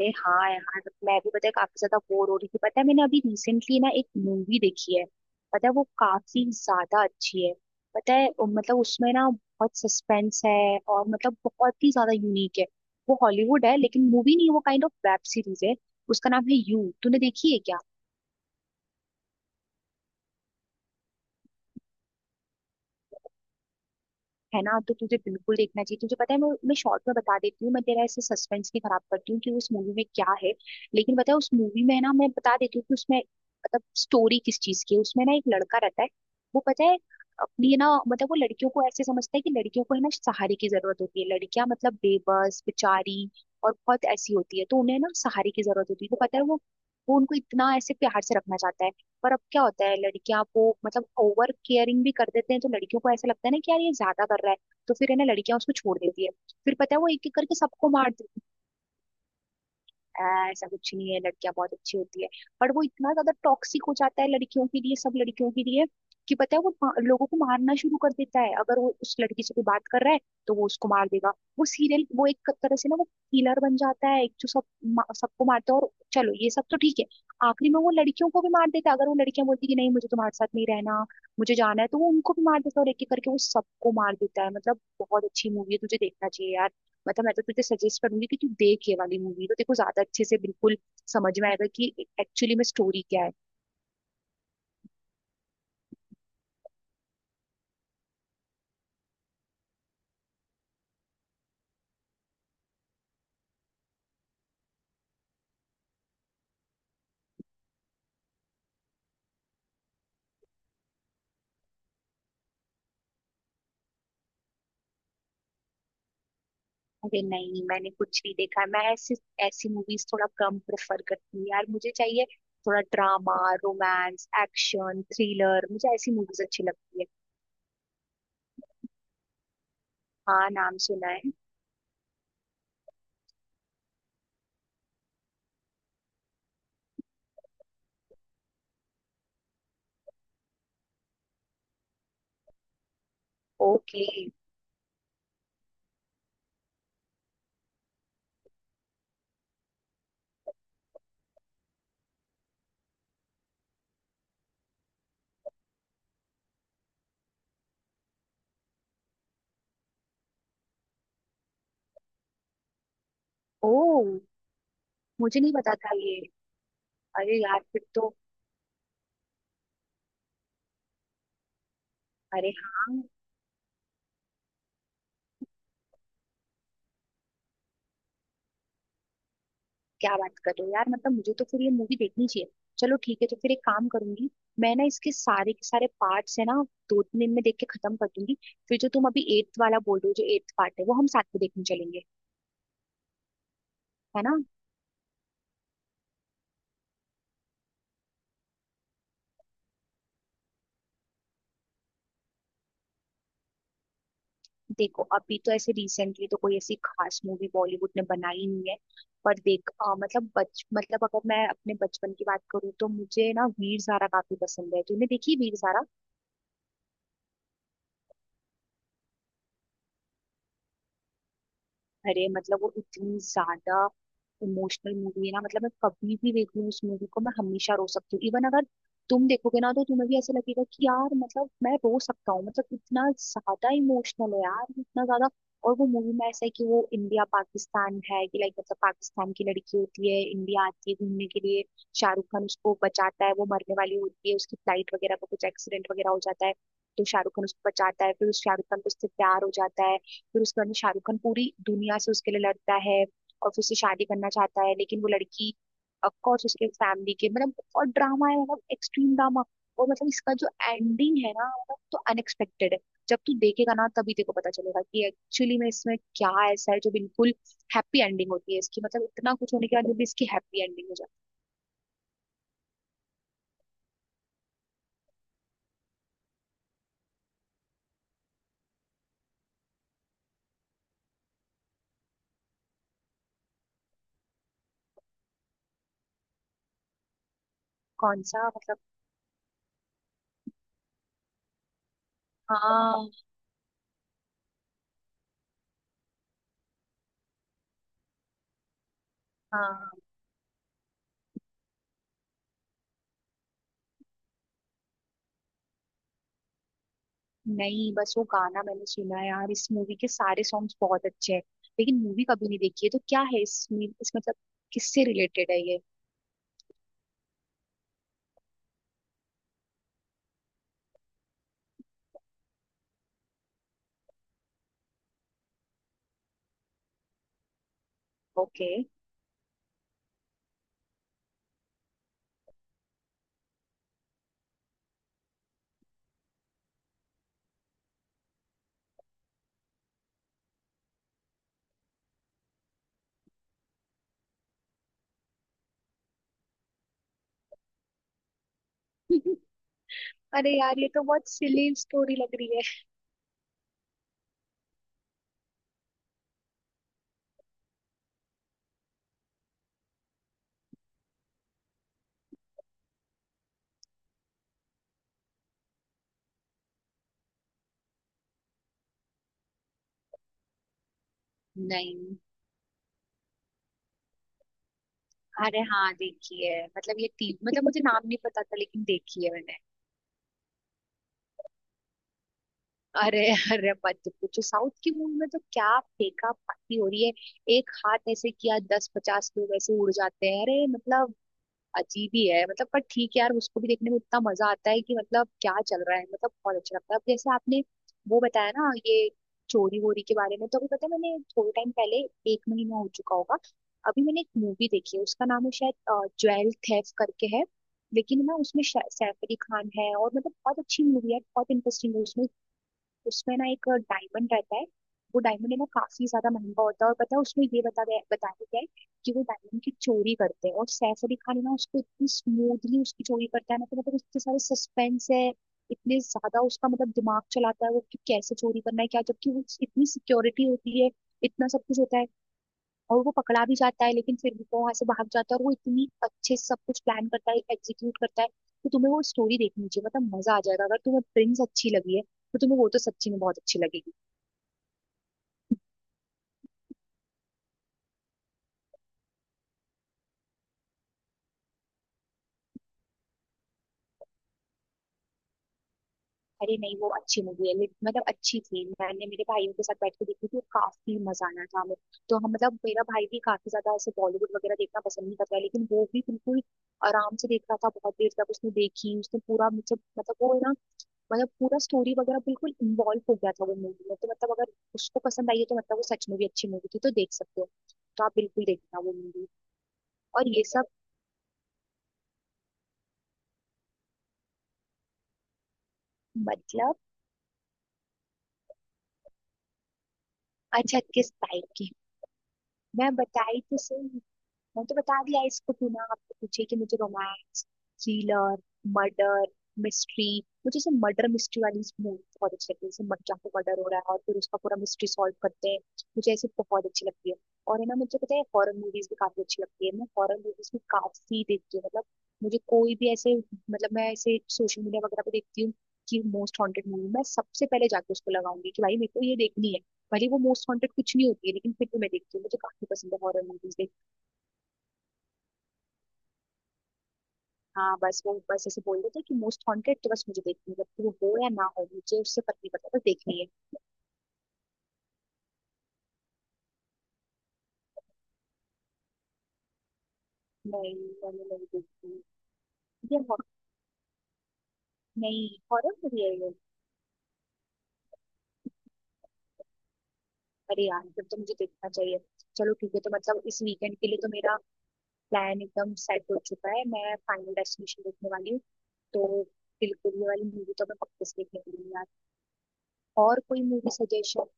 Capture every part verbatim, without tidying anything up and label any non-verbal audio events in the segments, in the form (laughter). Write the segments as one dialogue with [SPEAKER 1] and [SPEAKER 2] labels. [SPEAKER 1] अरे हाँ यार। मैं भी पता है काफी ज्यादा बोर हो रही थी। पता है मैंने अभी रिसेंटली ना एक मूवी देखी है। पता है वो काफी ज्यादा अच्छी है। पता है अ, मतलब उसमें ना बहुत सस्पेंस है और मतलब बहुत ही ज्यादा यूनिक है। वो हॉलीवुड है, लेकिन मूवी नहीं है, वो काइंड ऑफ वेब सीरीज है। उसका नाम है यू। तूने देखी है क्या? है ना, तो तुझे बिल्कुल देखना चाहिए। तुझे पता है, मैं मैं शॉर्ट में बता देती हूँ, मैं तेरा ऐसे सस्पेंस नहीं खराब करती हूँ कि उस मूवी में क्या है। लेकिन पता है, उस मूवी में है ना, मैं बता देती हूँ कि उसमें मतलब स्टोरी किस चीज की है। उसमें ना एक लड़का रहता है। वो पता है, अपनी है ना, मतलब वो लड़कियों को ऐसे समझता है कि लड़कियों को है ना सहारे की जरूरत होती है। लड़कियां मतलब बेबस बेचारी और बहुत ऐसी होती है, तो उन्हें ना सहारे की जरूरत होती है। वो पता है, वो वो उनको इतना ऐसे प्यार से रखना चाहता है। पर अब क्या होता है, लड़कियां वो मतलब ओवर केयरिंग भी कर देते हैं, तो लड़कियों को ऐसा लगता है ना कि यार ये ज्यादा कर रहा है। तो फिर है ना, लड़कियां उसको छोड़ देती है। फिर पता है वो एक एक करके सबको मार देती। "ऐ, ऐसा कुछ नहीं है, लड़कियां बहुत अच्छी होती है। पर वो इतना ज्यादा टॉक्सिक हो जाता है लड़कियों के लिए, सब लड़कियों के लिए, कि पता है वो पा- लोगों को मारना शुरू कर देता है। अगर वो उस लड़की से कोई बात कर रहा है, तो वो उसको मार देगा। वो सीरियल, वो एक तरह से ना, वो किलर बन जाता है। एक जो सब मा- सबको मारता है। और चलो ये सब तो ठीक है, आखिरी में वो लड़कियों को भी मार देता है। अगर वो लड़कियां बोलती कि नहीं, मुझे तुम्हारे साथ नहीं रहना, मुझे जाना है, तो वो उनको भी मार देता है। और एक एक करके वो सबको मार देता है। मतलब बहुत अच्छी मूवी है, तुझे देखना चाहिए यार। मतलब मैं तो तुझे सजेस्ट करूंगी कि तू देख ये वाली मूवी। तो देखो, ज्यादा अच्छे से बिल्कुल समझ में आएगा कि एक्चुअली में स्टोरी क्या है। अरे नहीं, मैंने कुछ नहीं देखा है। मैं ऐसी ऐसी मूवीज थोड़ा कम प्रेफर करती हूँ यार। मुझे चाहिए थोड़ा ड्रामा, रोमांस, एक्शन, थ्रिलर। मुझे ऐसी मूवीज अच्छी लगती है। हाँ, नाम सुना है। ओके। ओ। मुझे नहीं पता था ये। अरे यार, फिर तो! अरे हाँ! क्या बात कर रहे हो यार, मतलब मुझे तो फिर ये मूवी देखनी चाहिए। चलो ठीक है, तो फिर एक काम करूंगी। मैं ना इसके सारे के सारे पार्ट्स है ना दो तीन दिन में देख के खत्म कर दूंगी। फिर जो तुम अभी एट्थ वाला बोल रहे हो, जो एट्थ पार्ट है, वो हम साथ में देखने चलेंगे। है ना? देखो, अभी तो ऐसे रिसेंटली तो कोई ऐसी खास मूवी बॉलीवुड ने बनाई नहीं है। पर देख, अ, मतलब बच मतलब अगर मैं अपने बचपन की बात करूँ, तो मुझे ना वीर ज़ारा काफी पसंद है। तूने देखी वीर ज़ारा? अरे मतलब वो इतनी ज्यादा इमोशनल मूवी है ना, मतलब मैं कभी भी देख लूँ उस मूवी को, मैं हमेशा रो सकती हूँ। इवन अगर तुम देखोगे ना, तो तुम्हें भी ऐसा लगेगा कि यार मतलब मैं रो सकता हूँ। मतलब इतना ज्यादा इमोशनल है यार, इतना ज्यादा। और वो मूवी में ऐसा है कि वो इंडिया पाकिस्तान है कि लाइक मतलब पाकिस्तान की लड़की होती है, इंडिया आती है घूमने के लिए। शाहरुख खान उसको बचाता है, वो मरने वाली होती है, उसकी फ्लाइट वगैरह का कुछ एक्सीडेंट वगैरह हो जाता है। तो शाहरुख खान उसको बचाता है, फिर उस शाहरुख खान को उससे प्यार हो जाता है। फिर उसके बाद में शाहरुख खान पूरी दुनिया से उसके लिए लड़ता है और फिर उससे शादी करना चाहता है। लेकिन वो लड़की ऑफकोर्स उसके फैमिली के, मतलब और ड्रामा है, मतलब एक्सट्रीम ड्रामा। और मतलब इसका जो एंडिंग है ना, मतलब तो अनएक्सपेक्टेड है। जब तू देखेगा ना, तभी तेको पता चलेगा कि एक्चुअली में इसमें क्या ऐसा है जो बिल्कुल हैप्पी एंडिंग होती है इसकी। मतलब इतना कुछ होने के बाद भी इसकी हैप्पी एंडिंग हो जाती है। कौन सा मतलब? हाँ। हाँ, नहीं, बस वो गाना मैंने सुना है यार, इस मूवी के सारे सॉन्ग्स बहुत अच्छे हैं। लेकिन मूवी कभी नहीं देखी है। तो क्या है इसमें, इस मतलब किससे रिलेटेड है ये? ओके। (laughs) अरे यार, ये तो बहुत सिली स्टोरी लग रही है। नहीं। अरे हाँ, देखी है। मतलब ये टीवी, मतलब मुझे नाम नहीं पता था, लेकिन देखी है मैंने। अरे! अरे मत पूछो, साउथ की मूवी में तो क्या फेंका पाती हो रही है। एक हाथ ऐसे किया, दस पचास लोग ऐसे उड़ जाते हैं। अरे मतलब अजीब ही है मतलब, पर ठीक है यार, उसको भी देखने में इतना मजा आता है कि मतलब क्या चल रहा है। मतलब बहुत अच्छा लगता है। अब जैसे आपने वो बताया ना ये चोरी वोरी के बारे में, तो अभी पता है मैंने थोड़े टाइम पहले, एक महीना हो चुका होगा, अभी मैंने एक मूवी देखी है। उसका नाम है शायद ज्वेल थेफ करके है। लेकिन ना उसमें शा- सैफ अली खान है, और मतलब बहुत अच्छी मूवी है, बहुत इंटरेस्टिंग है उसमें। उसमें ना एक डायमंड रहता है। वो डायमंड है ना काफी ज्यादा महंगा होता है, और पता है उसमें ये बता गया बताया गया है कि वो डायमंड की चोरी करते हैं। और सैफ अली खान है ना, उसको इतनी स्मूथली उसकी चोरी करता है ना, तो मतलब इतने सारे सस्पेंस है। इतने ज्यादा उसका मतलब दिमाग चलाता है वो कि कैसे चोरी करना है क्या, जबकि वो इतनी सिक्योरिटी होती है, इतना सब कुछ होता है। और वो पकड़ा भी जाता है, लेकिन फिर भी वो वहां से भाग जाता है। और वो इतनी अच्छे से सब कुछ प्लान करता है, एग्जीक्यूट करता है। तो तुम्हें वो स्टोरी देखनी चाहिए, मतलब मजा आ जाएगा। अगर तुम्हें प्रिंस अच्छी लगी है, तो तुम्हें वो तो सच्ची में बहुत अच्छी लगेगी। अरे नहीं, वो अच्छी मूवी है लेकिन- मतलब अच्छी थी। मैंने मेरे भाइयों के साथ बैठ के देखी थी, और काफी मजा आना था हमें। तो हम मतलब, मेरा भाई भी काफी ज्यादा ऐसे बॉलीवुड वगैरह देखना पसंद नहीं करता है, लेकिन वो भी बिल्कुल आराम से देख रहा था। बहुत देर तक उसने देखी, उसने पूरा मुझे, मतलब वो है ना, मतलब पूरा स्टोरी वगैरह बिल्कुल इन्वॉल्व हो गया था वो मूवी में। तो मतलब अगर उसको पसंद आई है, तो मतलब वो सच में भी अच्छी मूवी थी, तो देख सकते हो। तो आप बिल्कुल देखना वो मूवी। और ये सब मतलब। अच्छा, किस टाइप की? मैं बताई तो सही, मैं तो बता दिया इसको बिना आपको पूछे कि मुझे रोमांस, थ्रिलर, मर्डर मिस्ट्री। मुझे ऐसे मर्डर मिस्ट्री वाली मूवी बहुत अच्छी लगती है, जैसे मर जाके मर्डर हो रहा है और फिर उसका पूरा मिस्ट्री सॉल्व करते हैं। मुझे ऐसी बहुत अच्छी लगती है। और है ना, मुझे पता है हॉरर मूवीज भी काफी अच्छी लगती है। मैं हॉरर मूवीज भी काफी देखती हूँ। मतलब मुझे कोई भी ऐसे मतलब, मैं ऐसे सोशल मीडिया वगैरह पे देखती हूँ कि मोस्ट हॉन्टेड मूवी, मैं सबसे पहले जाके उसको लगाऊंगी कि भाई मेरे को ये देखनी है। भले वो मोस्ट हॉन्टेड कुछ नहीं होती है, लेकिन फिर भी मैं देखती हूँ, मुझे काफी पसंद है हॉरर मूवीज। हाँ बस वो, बस ऐसे बोल देते कि मोस्ट हॉन्टेड, तो बस मुझे देखनी है। जब वो हो या ना हो, मुझे उससे फर्क नहीं पड़ता, बस देखनी है। नहीं, मैंने नहीं देखी। ये हॉर नहीं, हॉरर मूवी है ये? अरे यार, फिर तो मुझे देखना चाहिए। चलो ठीक है, तो मतलब इस वीकेंड के लिए तो मेरा प्लान एकदम सेट हो चुका है, मैं फाइनल डेस्टिनेशन देखने वाली हूँ। तो बिल्कुल ये वाली मूवी तो मैं पक्के से देखने वाली हूँ यार। और कोई मूवी सजेशन?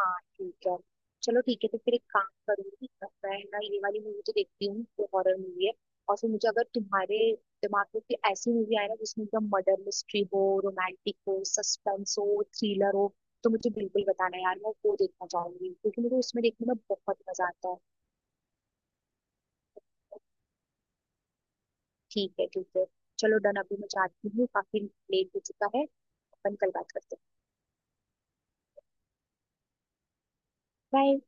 [SPEAKER 1] हाँ ठीक है। चलो ठीक है, तो फिर एक काम करूंगी, मैं ना ये वाली मूवी तो देखती हूँ, जो हॉरर मूवी है। और फिर मुझे, अगर तुम्हारे दिमाग में कोई ऐसी मूवी आए ना, जिसमें एकदम मर्डर मिस्ट्री हो, रोमांटिक हो, सस्पेंस हो, थ्रिलर हो, तो मुझे बिल्कुल बताना यार, मैं वो देखना चाहूंगी, क्योंकि मुझे उसमें देखने में बहुत मजा आता है। ठीक है ठीक है। चलो डन, अभी मैं जाती हूँ, काफी लेट हो चुका है, अपन कल बात करते हैं। बाय।